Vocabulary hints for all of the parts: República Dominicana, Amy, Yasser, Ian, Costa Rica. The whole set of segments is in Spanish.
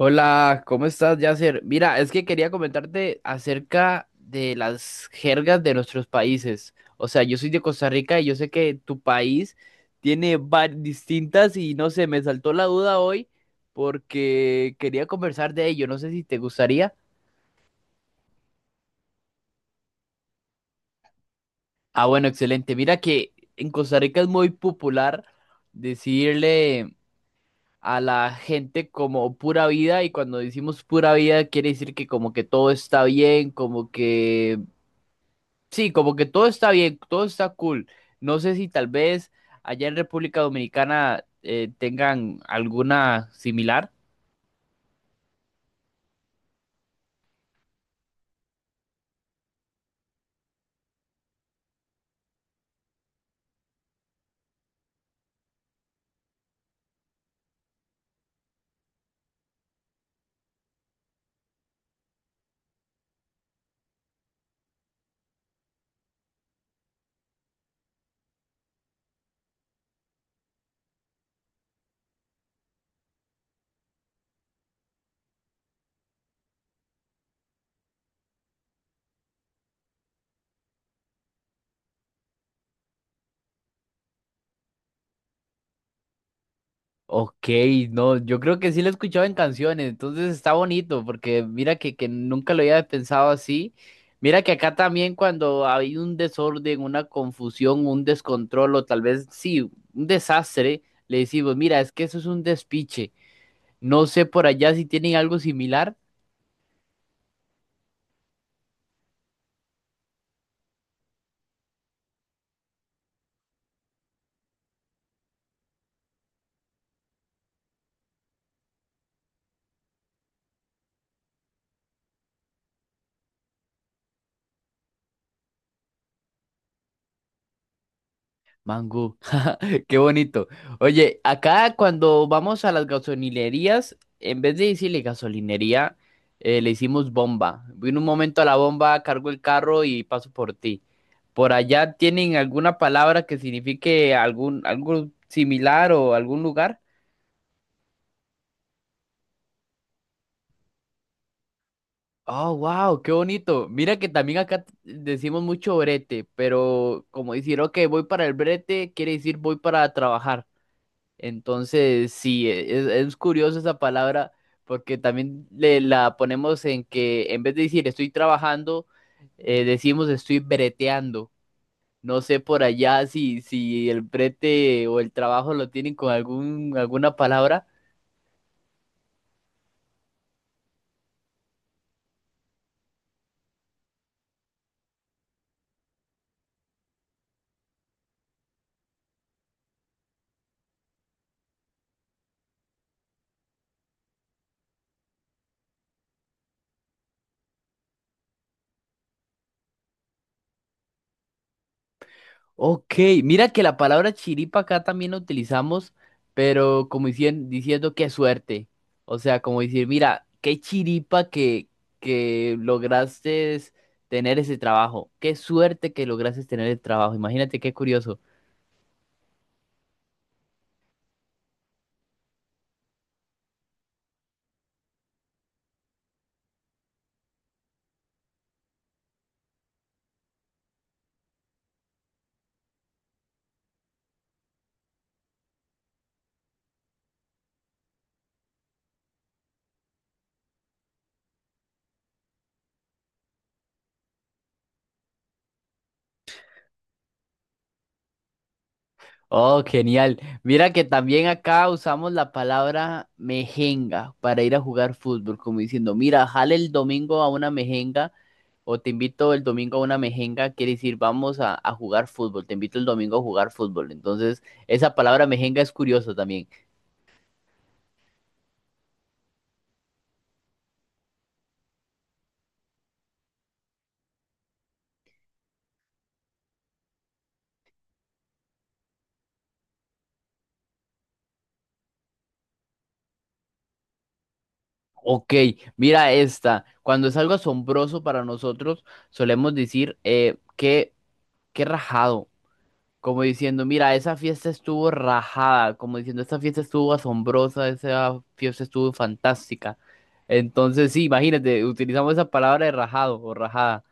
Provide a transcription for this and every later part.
Hola, ¿cómo estás, Yasser? Mira, es que quería comentarte acerca de las jergas de nuestros países. O sea, yo soy de Costa Rica y yo sé que tu país tiene varias distintas y no sé, me saltó la duda hoy porque quería conversar de ello. No sé si te gustaría. Ah, bueno, excelente. Mira que en Costa Rica es muy popular decirle a la gente como pura vida y cuando decimos pura vida quiere decir que como que todo está bien, como que sí, como que todo está bien, todo está cool. No sé si tal vez allá en República Dominicana tengan alguna similar. Ok, no, yo creo que sí lo he escuchado en canciones, entonces está bonito, porque mira que nunca lo había pensado así. Mira que acá también cuando hay un desorden, una confusión, un descontrol, o tal vez sí, un desastre, le decimos, mira, es que eso es un despiche. No sé por allá si tienen algo similar. Mango, qué bonito. Oye, acá cuando vamos a las gasolinerías, en vez de decirle gasolinería, le hicimos bomba. Voy en un momento a la bomba, cargo el carro y paso por ti. ¿Por allá tienen alguna palabra que signifique algún, algo similar o algún lugar? Oh, wow, qué bonito. Mira que también acá decimos mucho brete, pero como decir, ok, voy para el brete, quiere decir voy para trabajar. Entonces, sí, es curioso esa palabra porque también le, la ponemos en que en vez de decir estoy trabajando, decimos estoy breteando. No sé por allá si el brete o el trabajo lo tienen con algún, alguna palabra. Ok, mira que la palabra chiripa acá también la utilizamos, pero como diciendo qué suerte. O sea, como decir, mira, qué chiripa que lograste tener ese trabajo. Qué suerte que lograste tener el trabajo. Imagínate qué curioso. Oh, genial. Mira que también acá usamos la palabra mejenga para ir a jugar fútbol, como diciendo, mira, jale el domingo a una mejenga. O te invito el domingo a una mejenga, quiere decir vamos a jugar fútbol. Te invito el domingo a jugar fútbol. Entonces, esa palabra mejenga es curiosa también. Ok, mira esta. Cuando es algo asombroso para nosotros, solemos decir qué rajado. Como diciendo, mira, esa fiesta estuvo rajada. Como diciendo, esta fiesta estuvo asombrosa, esa fiesta estuvo fantástica. Entonces, sí, imagínate, utilizamos esa palabra de rajado o rajada.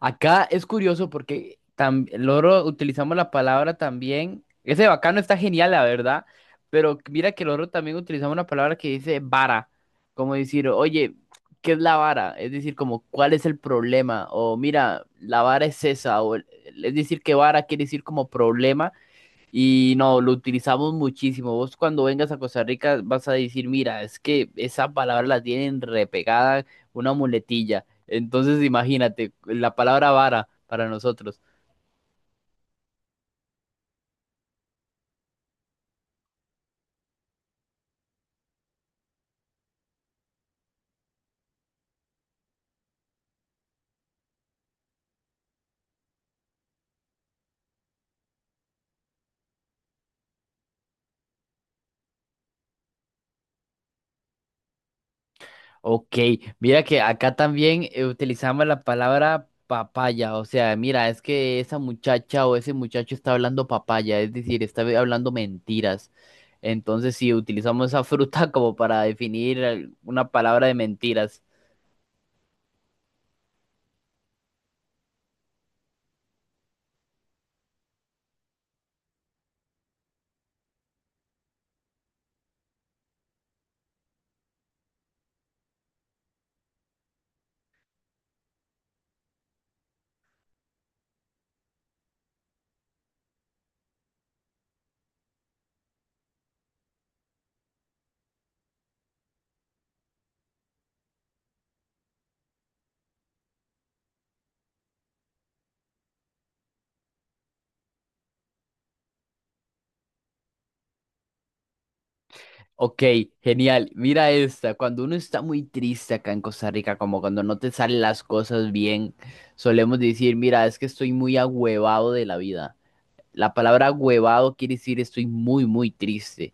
Acá es curioso porque loro utilizamos la palabra también. Ese bacano está genial, la verdad. Pero mira que loro también utilizamos una palabra que dice vara. Como decir, oye, ¿qué es la vara? Es decir, como, ¿cuál es el problema? O mira, la vara es esa. O, es decir, que vara quiere decir como problema. Y no, lo utilizamos muchísimo. Vos cuando vengas a Costa Rica vas a decir, mira, es que esa palabra la tienen repegada, una muletilla. Entonces imagínate, la palabra vara para nosotros. Ok, mira que acá también utilizamos la palabra papaya. O sea, mira, es que esa muchacha o ese muchacho está hablando papaya, es decir, está hablando mentiras. Entonces sí, utilizamos esa fruta como para definir una palabra de mentiras. Ok, genial. Mira esta. Cuando uno está muy triste acá en Costa Rica, como cuando no te salen las cosas bien, solemos decir, mira, es que estoy muy agüevado de la vida. La palabra agüevado quiere decir estoy muy triste.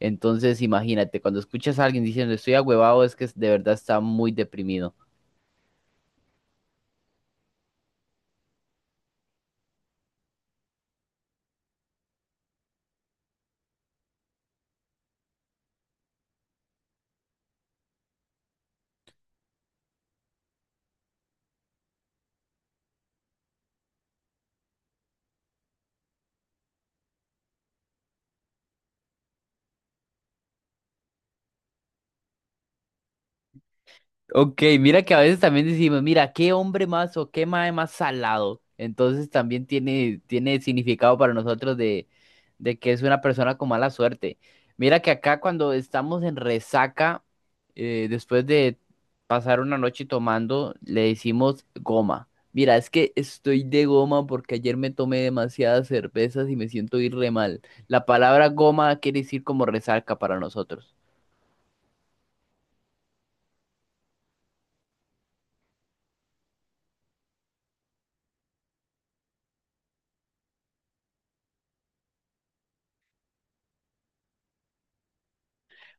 Entonces, imagínate, cuando escuchas a alguien diciendo estoy agüevado, es que de verdad está muy deprimido. Ok, mira que a veces también decimos, mira, qué hombre más o qué mae más salado. Entonces también tiene significado para nosotros de que es una persona con mala suerte. Mira que acá cuando estamos en resaca, después de pasar una noche tomando, le decimos goma. Mira, es que estoy de goma porque ayer me tomé demasiadas cervezas y me siento ir re mal. La palabra goma quiere decir como resaca para nosotros.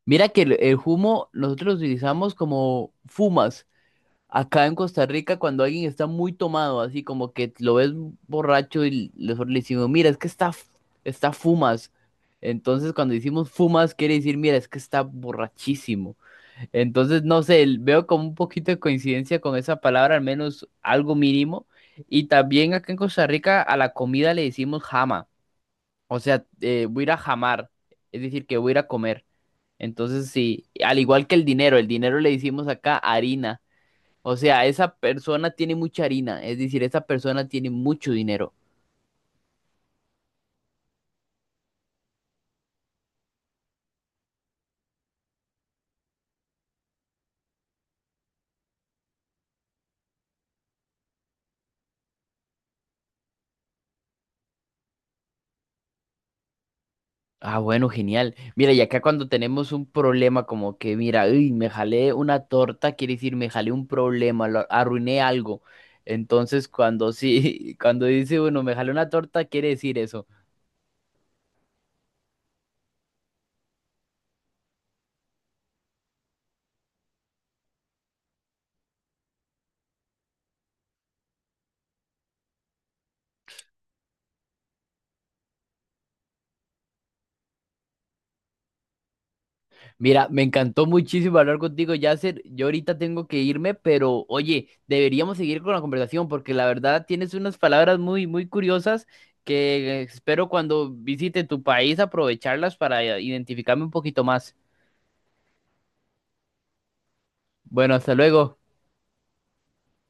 Mira que el humo nosotros lo utilizamos como fumas acá en Costa Rica cuando alguien está muy tomado, así como que lo ves borracho le decimos, mira, es que está, está fumas. Entonces cuando decimos fumas quiere decir, mira, es que está borrachísimo. Entonces, no sé, veo como un poquito de coincidencia con esa palabra, al menos algo mínimo. Y también acá en Costa Rica a la comida le decimos jama, o sea, voy a ir a jamar, es decir, que voy a ir a comer. Entonces, sí, al igual que el dinero le decimos acá harina. O sea, esa persona tiene mucha harina, es decir, esa persona tiene mucho dinero. Ah, bueno, genial. Mira, y acá cuando tenemos un problema como que, mira, uy, me jalé una torta, quiere decir, me jalé un problema, arruiné algo. Entonces, cuando sí, cuando dice, bueno, me jalé una torta, quiere decir eso. Mira, me encantó muchísimo hablar contigo, Yasser. Yo ahorita tengo que irme, pero oye, deberíamos seguir con la conversación porque la verdad tienes unas palabras muy curiosas que espero cuando visite tu país aprovecharlas para identificarme un poquito más. Bueno, hasta luego.